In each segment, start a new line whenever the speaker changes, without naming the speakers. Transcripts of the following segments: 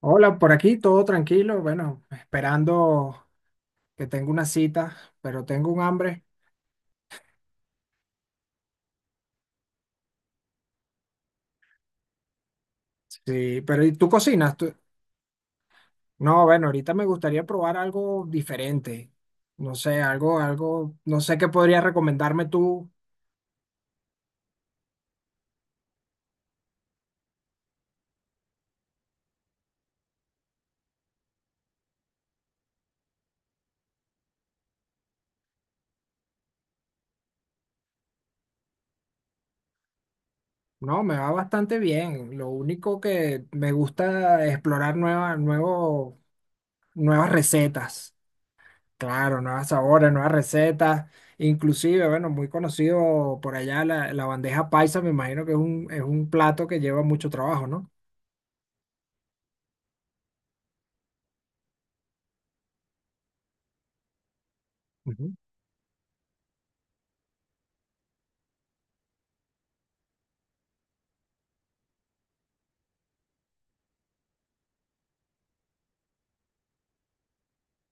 Hola, por aquí todo tranquilo, bueno, esperando que tengo una cita, pero tengo un hambre. Sí, pero ¿y tú cocinas? ¿Tú- No, bueno, ahorita me gustaría probar algo diferente. No sé, algo, no sé qué podrías recomendarme tú. No, me va bastante bien. Lo único que me gusta explorar nuevas recetas. Claro, nuevas sabores, nuevas recetas, inclusive, bueno, muy conocido por allá la bandeja paisa, me imagino que es es un plato que lleva mucho trabajo, ¿no? Ujú.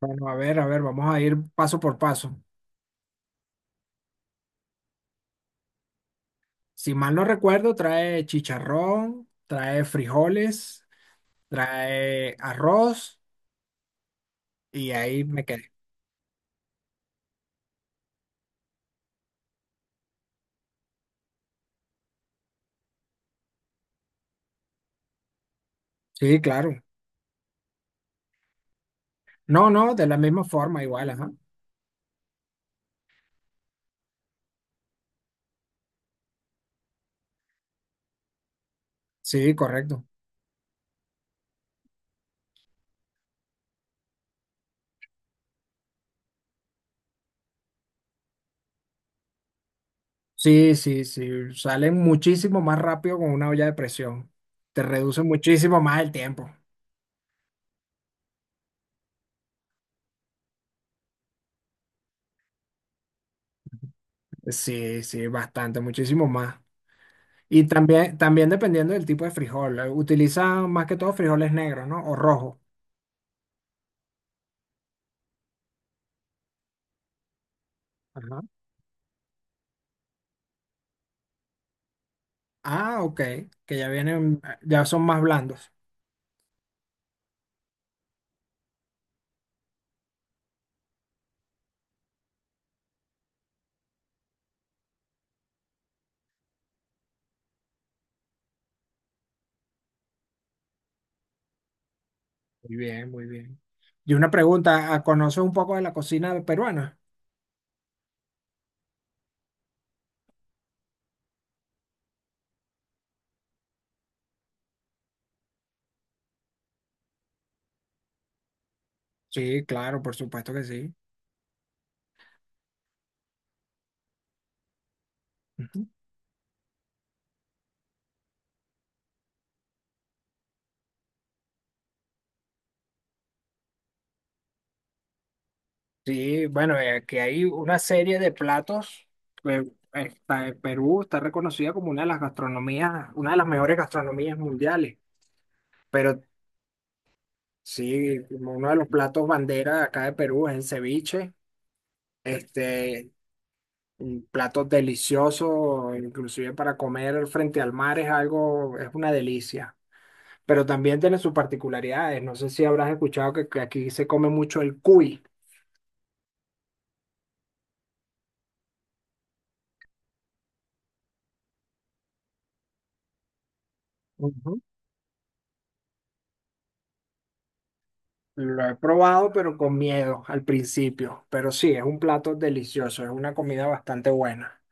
Bueno, a ver, vamos a ir paso por paso. Si mal no recuerdo, trae chicharrón, trae frijoles, trae arroz y ahí me quedé. Sí, claro. No, no, de la misma forma, igual, ajá. Sí, correcto. Sí, sí, sí, salen muchísimo más rápido con una olla de presión. Te reduce muchísimo más el tiempo. Sí, sí, bastante, muchísimo más. Y también dependiendo del tipo de frijol. Utiliza más que todo frijoles negros, ¿no? O rojos. Ajá. Ah, ok, que ya vienen, ya son más blandos. Muy bien, muy bien. Y una pregunta, ¿ah, ¿conoces un poco de la cocina peruana? Sí, claro, por supuesto que sí. Sí, bueno, que hay una serie de platos. eh, Está, en Perú está reconocida como una de las gastronomías, una de las mejores gastronomías mundiales. Pero sí, como uno de los platos bandera de acá de Perú es el ceviche. Este, un plato delicioso, inclusive para comer frente al mar es algo, es una delicia. Pero también tiene sus particularidades. No sé si habrás escuchado que aquí se come mucho el cuy. Ujú. Lo he probado, pero con miedo al principio. Pero sí, es un plato delicioso, es una comida bastante buena.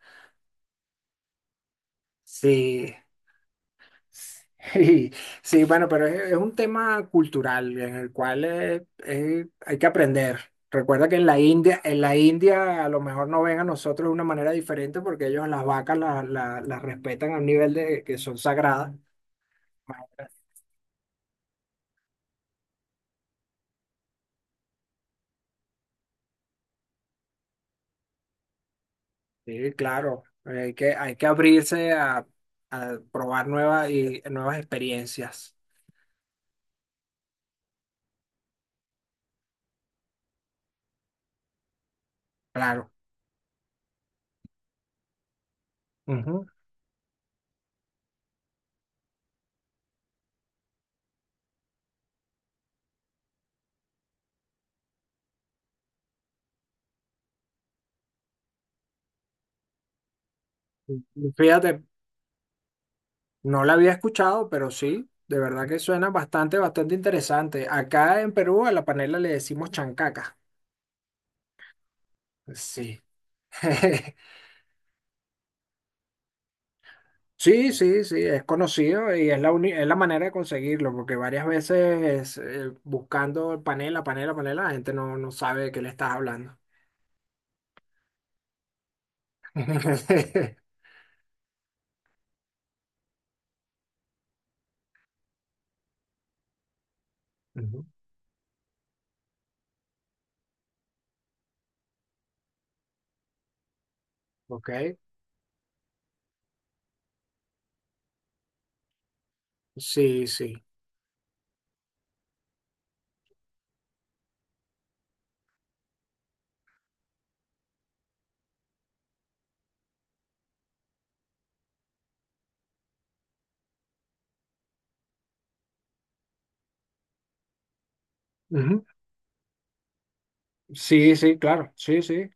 Sí, sí, sí, bueno, pero es un tema cultural en el cual hay que aprender. Recuerda que en la India a lo mejor no ven a nosotros de una manera diferente porque ellos las vacas la- la- las respetan a un nivel de que son sagradas. Sí, claro, hay que abrirse a probar nuevas y nuevas experiencias. Claro. Ujú. Fíjate, no la había escuchado, pero sí, de verdad que suena bastante, bastante interesante. Acá en Perú a la panela le decimos chancaca. Sí. Sí, sí, sí, es conocido y es la, uni- es la manera de conseguirlo, porque varias veces buscando panela, panela, panela, la gente no, no sabe de qué le estás hablando. Ujú. Ok, sí, sí. Ujú. Sí, sí, claro, sí, sí.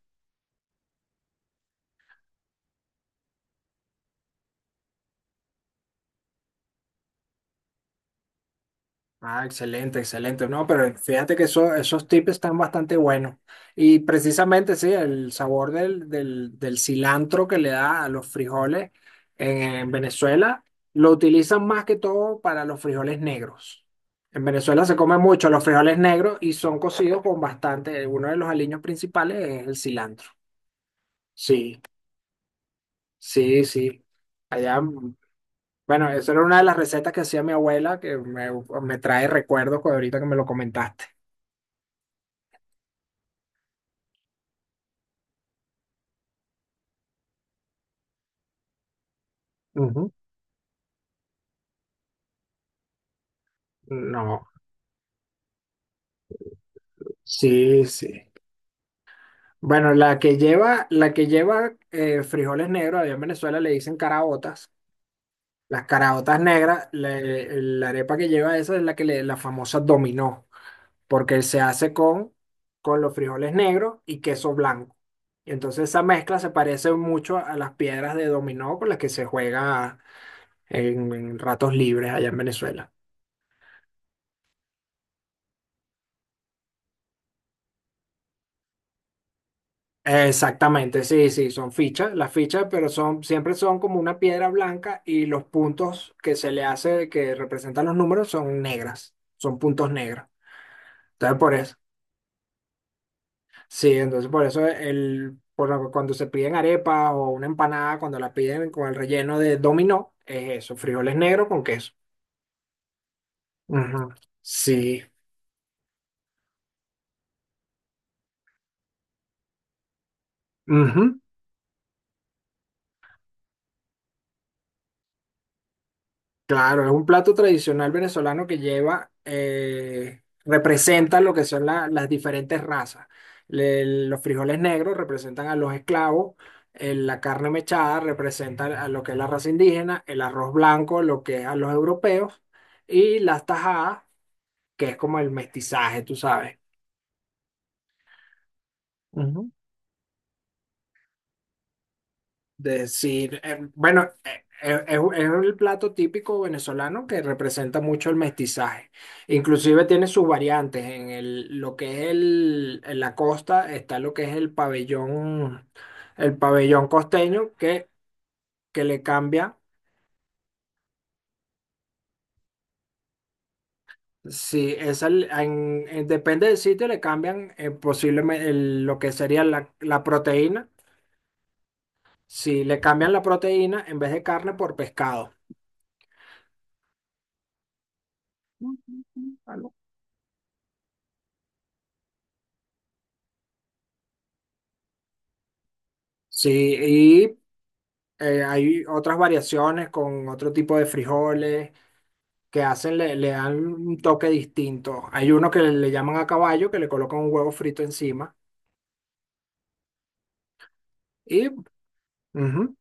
Ah, excelente, excelente. No, pero fíjate que eso- esos tips están bastante buenos. Y precisamente, sí, el sabor del cilantro que le da a los frijoles en Venezuela, lo utilizan más que todo para los frijoles negros. En Venezuela se come mucho los frijoles negros y son cocidos con bastante. Uno de los aliños principales es el cilantro. Sí, sí, sí. Allá, bueno, esa era una de las recetas que hacía mi abuela me trae recuerdos con ahorita que me lo comentaste. Ujú. No, sí, sí. Bueno, la que lleva frijoles negros, allá en Venezuela le dicen caraotas. Las caraotas negras, le- la arepa que lleva esa es la que le, la famosa dominó, porque se hace con los frijoles negros y queso blanco. Y entonces esa mezcla se parece mucho a las piedras de dominó con las que se juega en ratos libres allá en Venezuela. Exactamente, sí, sí, son fichas, las fichas, pero son, siempre son como una piedra blanca y los puntos que se le hace, que representan los números, son negras, son puntos negros. Entonces, por eso, sí, entonces por eso el, por lo que cuando se piden arepa o una empanada, cuando la piden con el relleno de dominó, es eso, frijoles negros con queso. Ujú. Sí. Ujú. Claro, es un plato tradicional venezolano que lleva, representa lo que son la- las diferentes razas. Le- los frijoles negros representan a los esclavos, la carne mechada representa a lo que es la raza indígena, el arroz blanco lo que es a los europeos y las tajadas, que es como el mestizaje, tú sabes. Decir, es el plato típico venezolano que representa mucho el mestizaje. Inclusive tiene sus variantes. En el, lo que es el, en la costa está lo que es el pabellón costeño que le cambia. Si es el- en- depende del sitio, le cambian posiblemente lo que sería la, la proteína. Si le cambian la proteína en vez de carne por pescado. Sí, hay otras variaciones con otro tipo de frijoles que hacen, le dan un toque distinto. Hay uno que le llaman a caballo, que le colocan un huevo frito encima y ujú,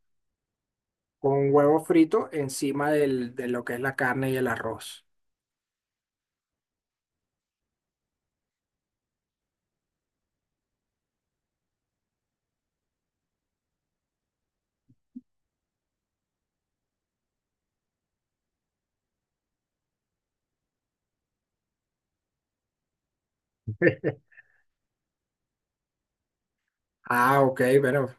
con un huevo frito encima del- de lo que es la carne y el arroz. Ah, ok, pero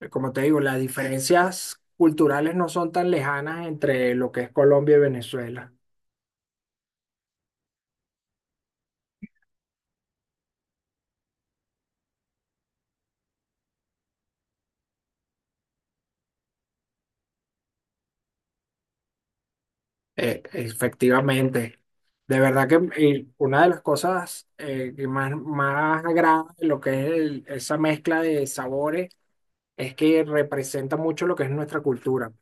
como te digo, las diferencias culturales no son tan lejanas entre lo que es Colombia y Venezuela. Efectivamente. De verdad que una de las cosas que más, más agrada de lo que es el- esa mezcla de sabores es que representa mucho lo que es nuestra cultura.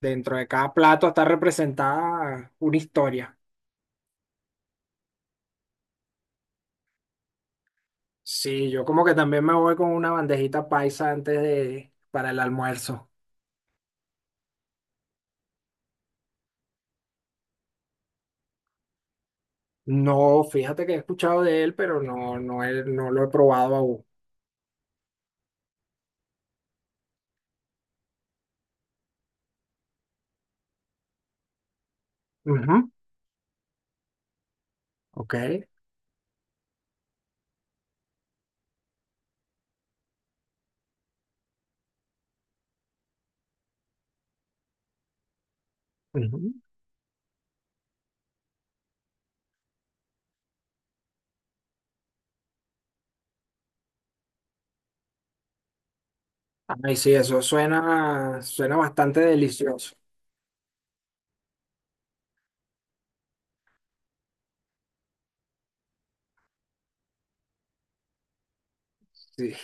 Dentro de cada plato está representada una historia. Sí, yo como que también me voy con una bandejita paisa antes de, para el almuerzo. No, fíjate que he escuchado de él, pero no, no, he- no lo he probado aún. Ujú, Ok. Ujú. Ay, sí, eso suena, suena bastante delicioso. Sí.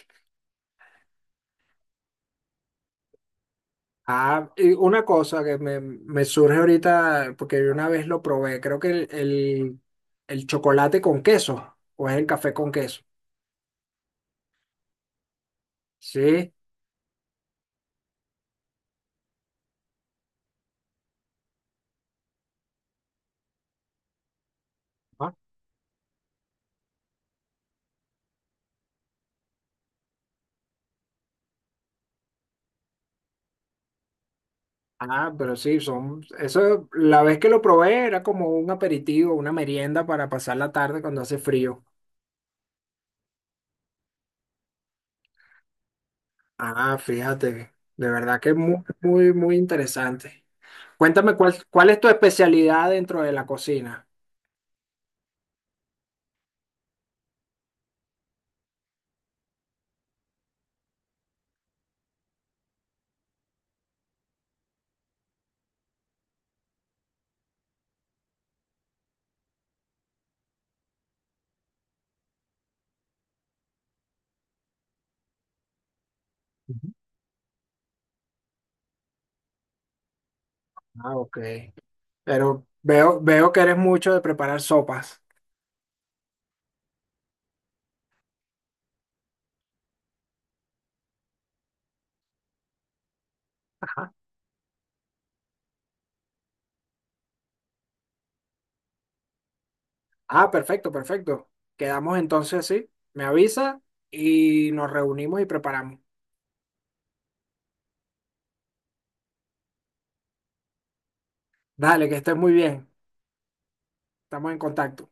Ah, y una cosa que me surge ahorita, porque yo una vez lo probé, creo que el chocolate con queso, o es el café con queso. Sí. Ah, Ah, pero sí, son, eso, la vez que lo probé era como un aperitivo, una merienda para pasar la tarde cuando hace frío. Ah, fíjate, de verdad que es muy, muy, muy interesante. Cuéntame cuál, cuál es tu especialidad dentro de la cocina. Ah, ok. Pero veo, veo que eres mucho de preparar sopas. Ajá. Ah, perfecto, perfecto. Quedamos entonces así. Me avisa y nos reunimos y preparamos. Dale, que estés muy bien. Estamos en contacto.